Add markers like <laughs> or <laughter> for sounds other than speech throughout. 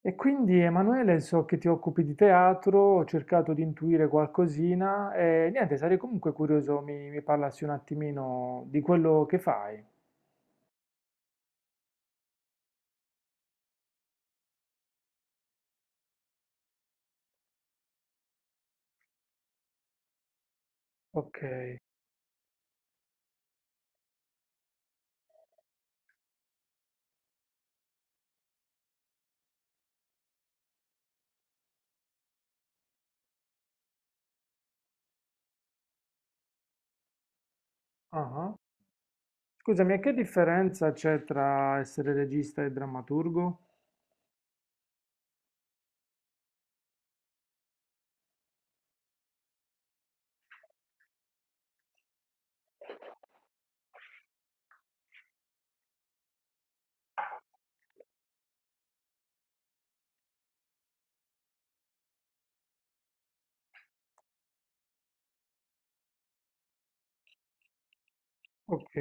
E quindi Emanuele, so che ti occupi di teatro, ho cercato di intuire qualcosina e niente, sarei comunque curioso, mi parlassi un attimino di quello che fai. Ok. Ah. Scusami, e che differenza c'è tra essere regista e drammaturgo? Ok.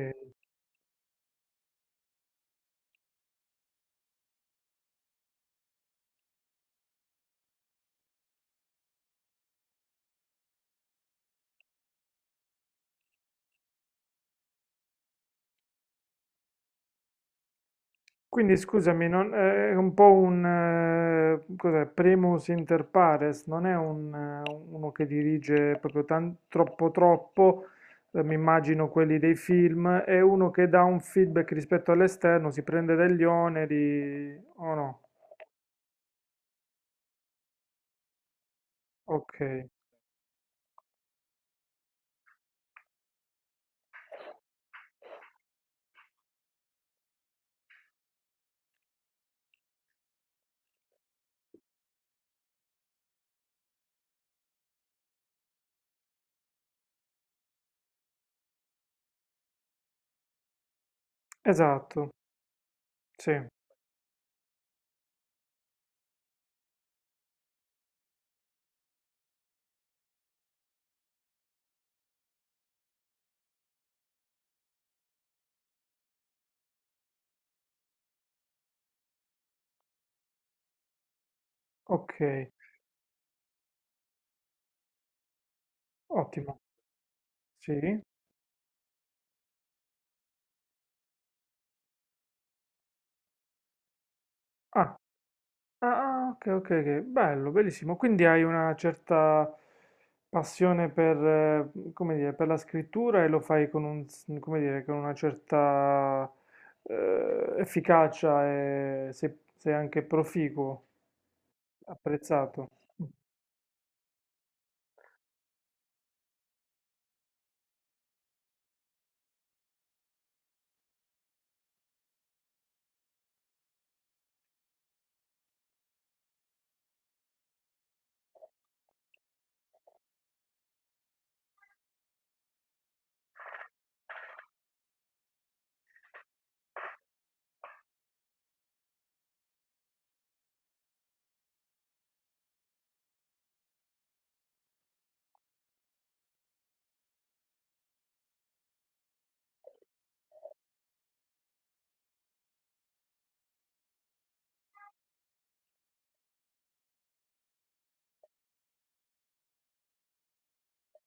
Quindi scusami, è un po' cos'è, primus inter pares, non è uno che dirige proprio troppo troppo, mi immagino quelli dei film, è uno che dà un feedback rispetto all'esterno, si prende degli oneri o no? Ok, esatto, sì, ok, ottimo, sì. Ah, ah, ah, ok, ok, ok, bello, bellissimo. Quindi hai una certa passione per, come dire, per la scrittura e lo fai con come dire, con una certa efficacia e sei anche proficuo, apprezzato.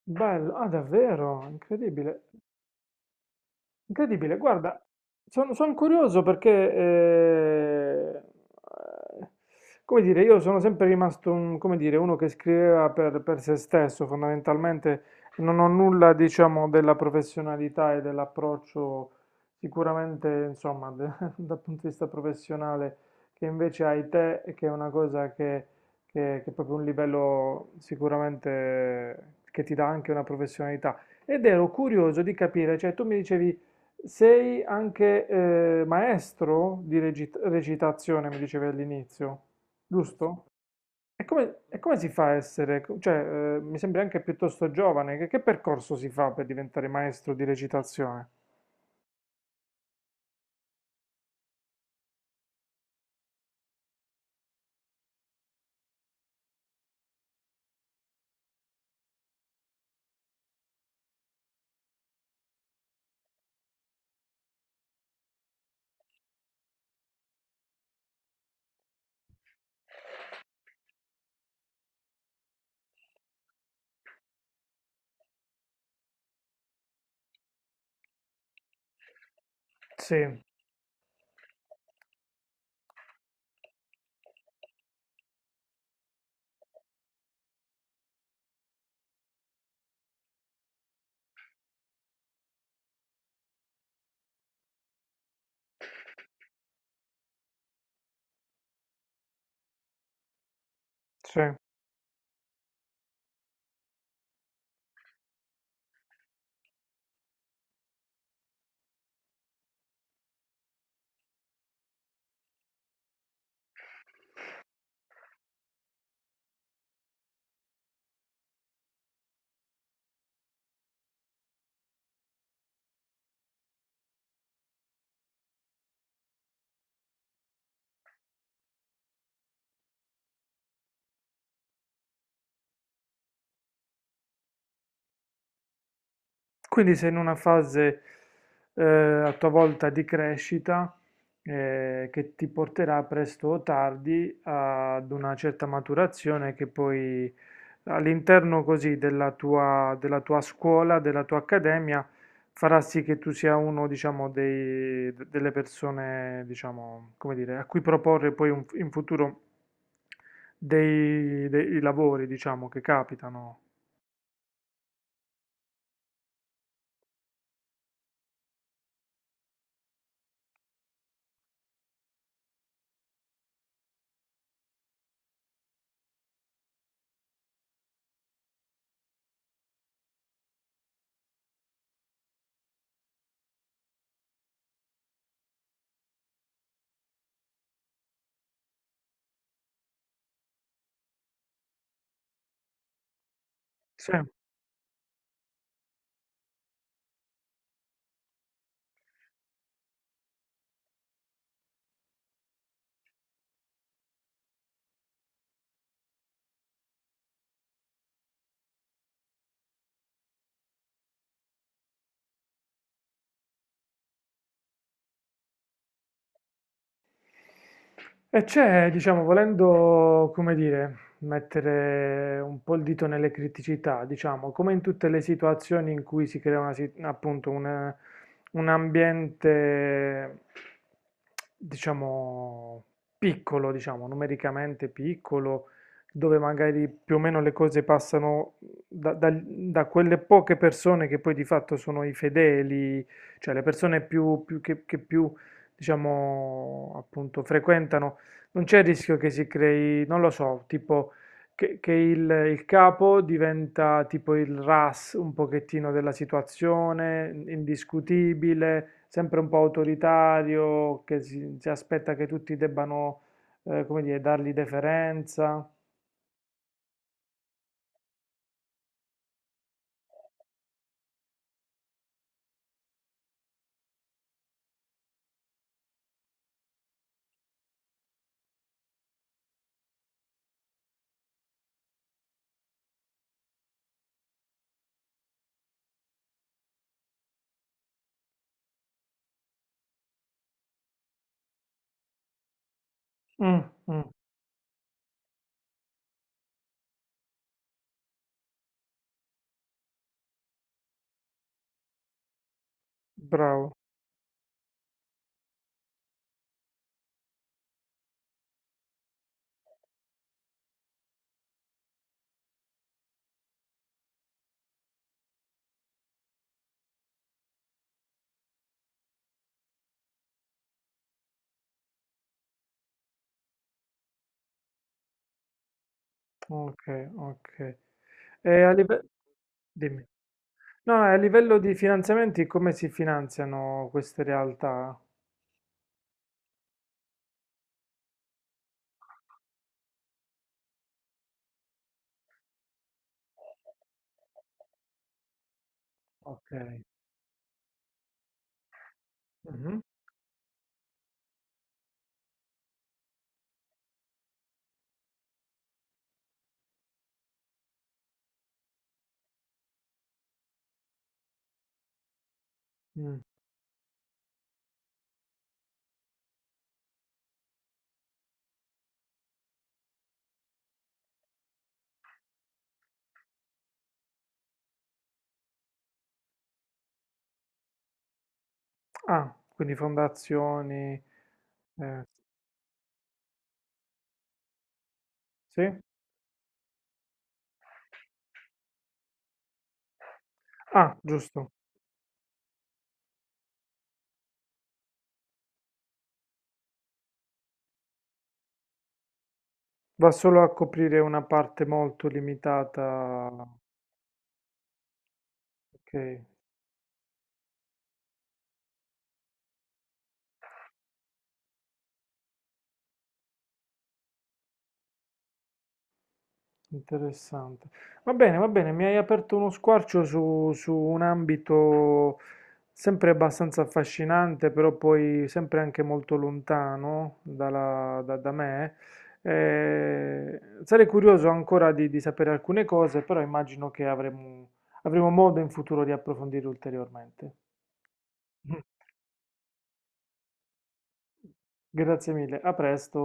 Bello, ah, davvero, incredibile. Incredibile, guarda, son curioso perché, come dire, io sono sempre rimasto come dire, uno che scriveva per se stesso, fondamentalmente non ho nulla, diciamo, della professionalità e dell'approccio sicuramente, insomma, <laughs> dal punto di vista professionale che invece hai te, e che è una cosa che, che è proprio un livello sicuramente che ti dà anche una professionalità. Ed ero curioso di capire, cioè tu mi dicevi... Sei anche maestro di recitazione, mi dicevi all'inizio, giusto? E come si fa a essere, cioè, mi sembri anche piuttosto giovane, che percorso si fa per diventare maestro di recitazione? Sì, sì. Quindi sei in una fase a tua volta di crescita che ti porterà presto o tardi ad una certa maturazione che poi all'interno così della tua scuola, della tua accademia, farà sì che tu sia uno, diciamo, delle persone, diciamo, come dire, a cui proporre poi in futuro dei lavori, diciamo, che capitano. Sì. E c'è, diciamo, volendo, come dire, mettere un po' il dito nelle criticità, diciamo, come in tutte le situazioni in cui si crea appunto un ambiente, diciamo, piccolo, diciamo, numericamente piccolo, dove magari più o meno le cose passano da, da quelle poche persone che poi di fatto sono i fedeli, cioè le persone più, più che più diciamo, appunto, frequentano, non c'è il rischio che si crei, non lo so, tipo che il capo diventa tipo il RAS un pochettino della situazione, indiscutibile, sempre un po' autoritario, che si aspetta che tutti debbano, come dire, dargli deferenza. Mm, mm, bravo, ok, ok. E a livello... Dimmi. No, a livello di finanziamenti, come si finanziano queste realtà? Ok. Mhm. Mm. Ah, quindi fondazioni. Eh, sì? Ah, giusto. Va solo a coprire una parte molto limitata. Ok. Interessante. Va bene, mi hai aperto uno squarcio su, su un ambito sempre abbastanza affascinante, però poi sempre anche molto lontano da, da me. Eh, sarei curioso ancora di sapere alcune cose, però immagino che avremo, avremo modo in futuro di approfondire ulteriormente. <laughs> Grazie mille, a presto.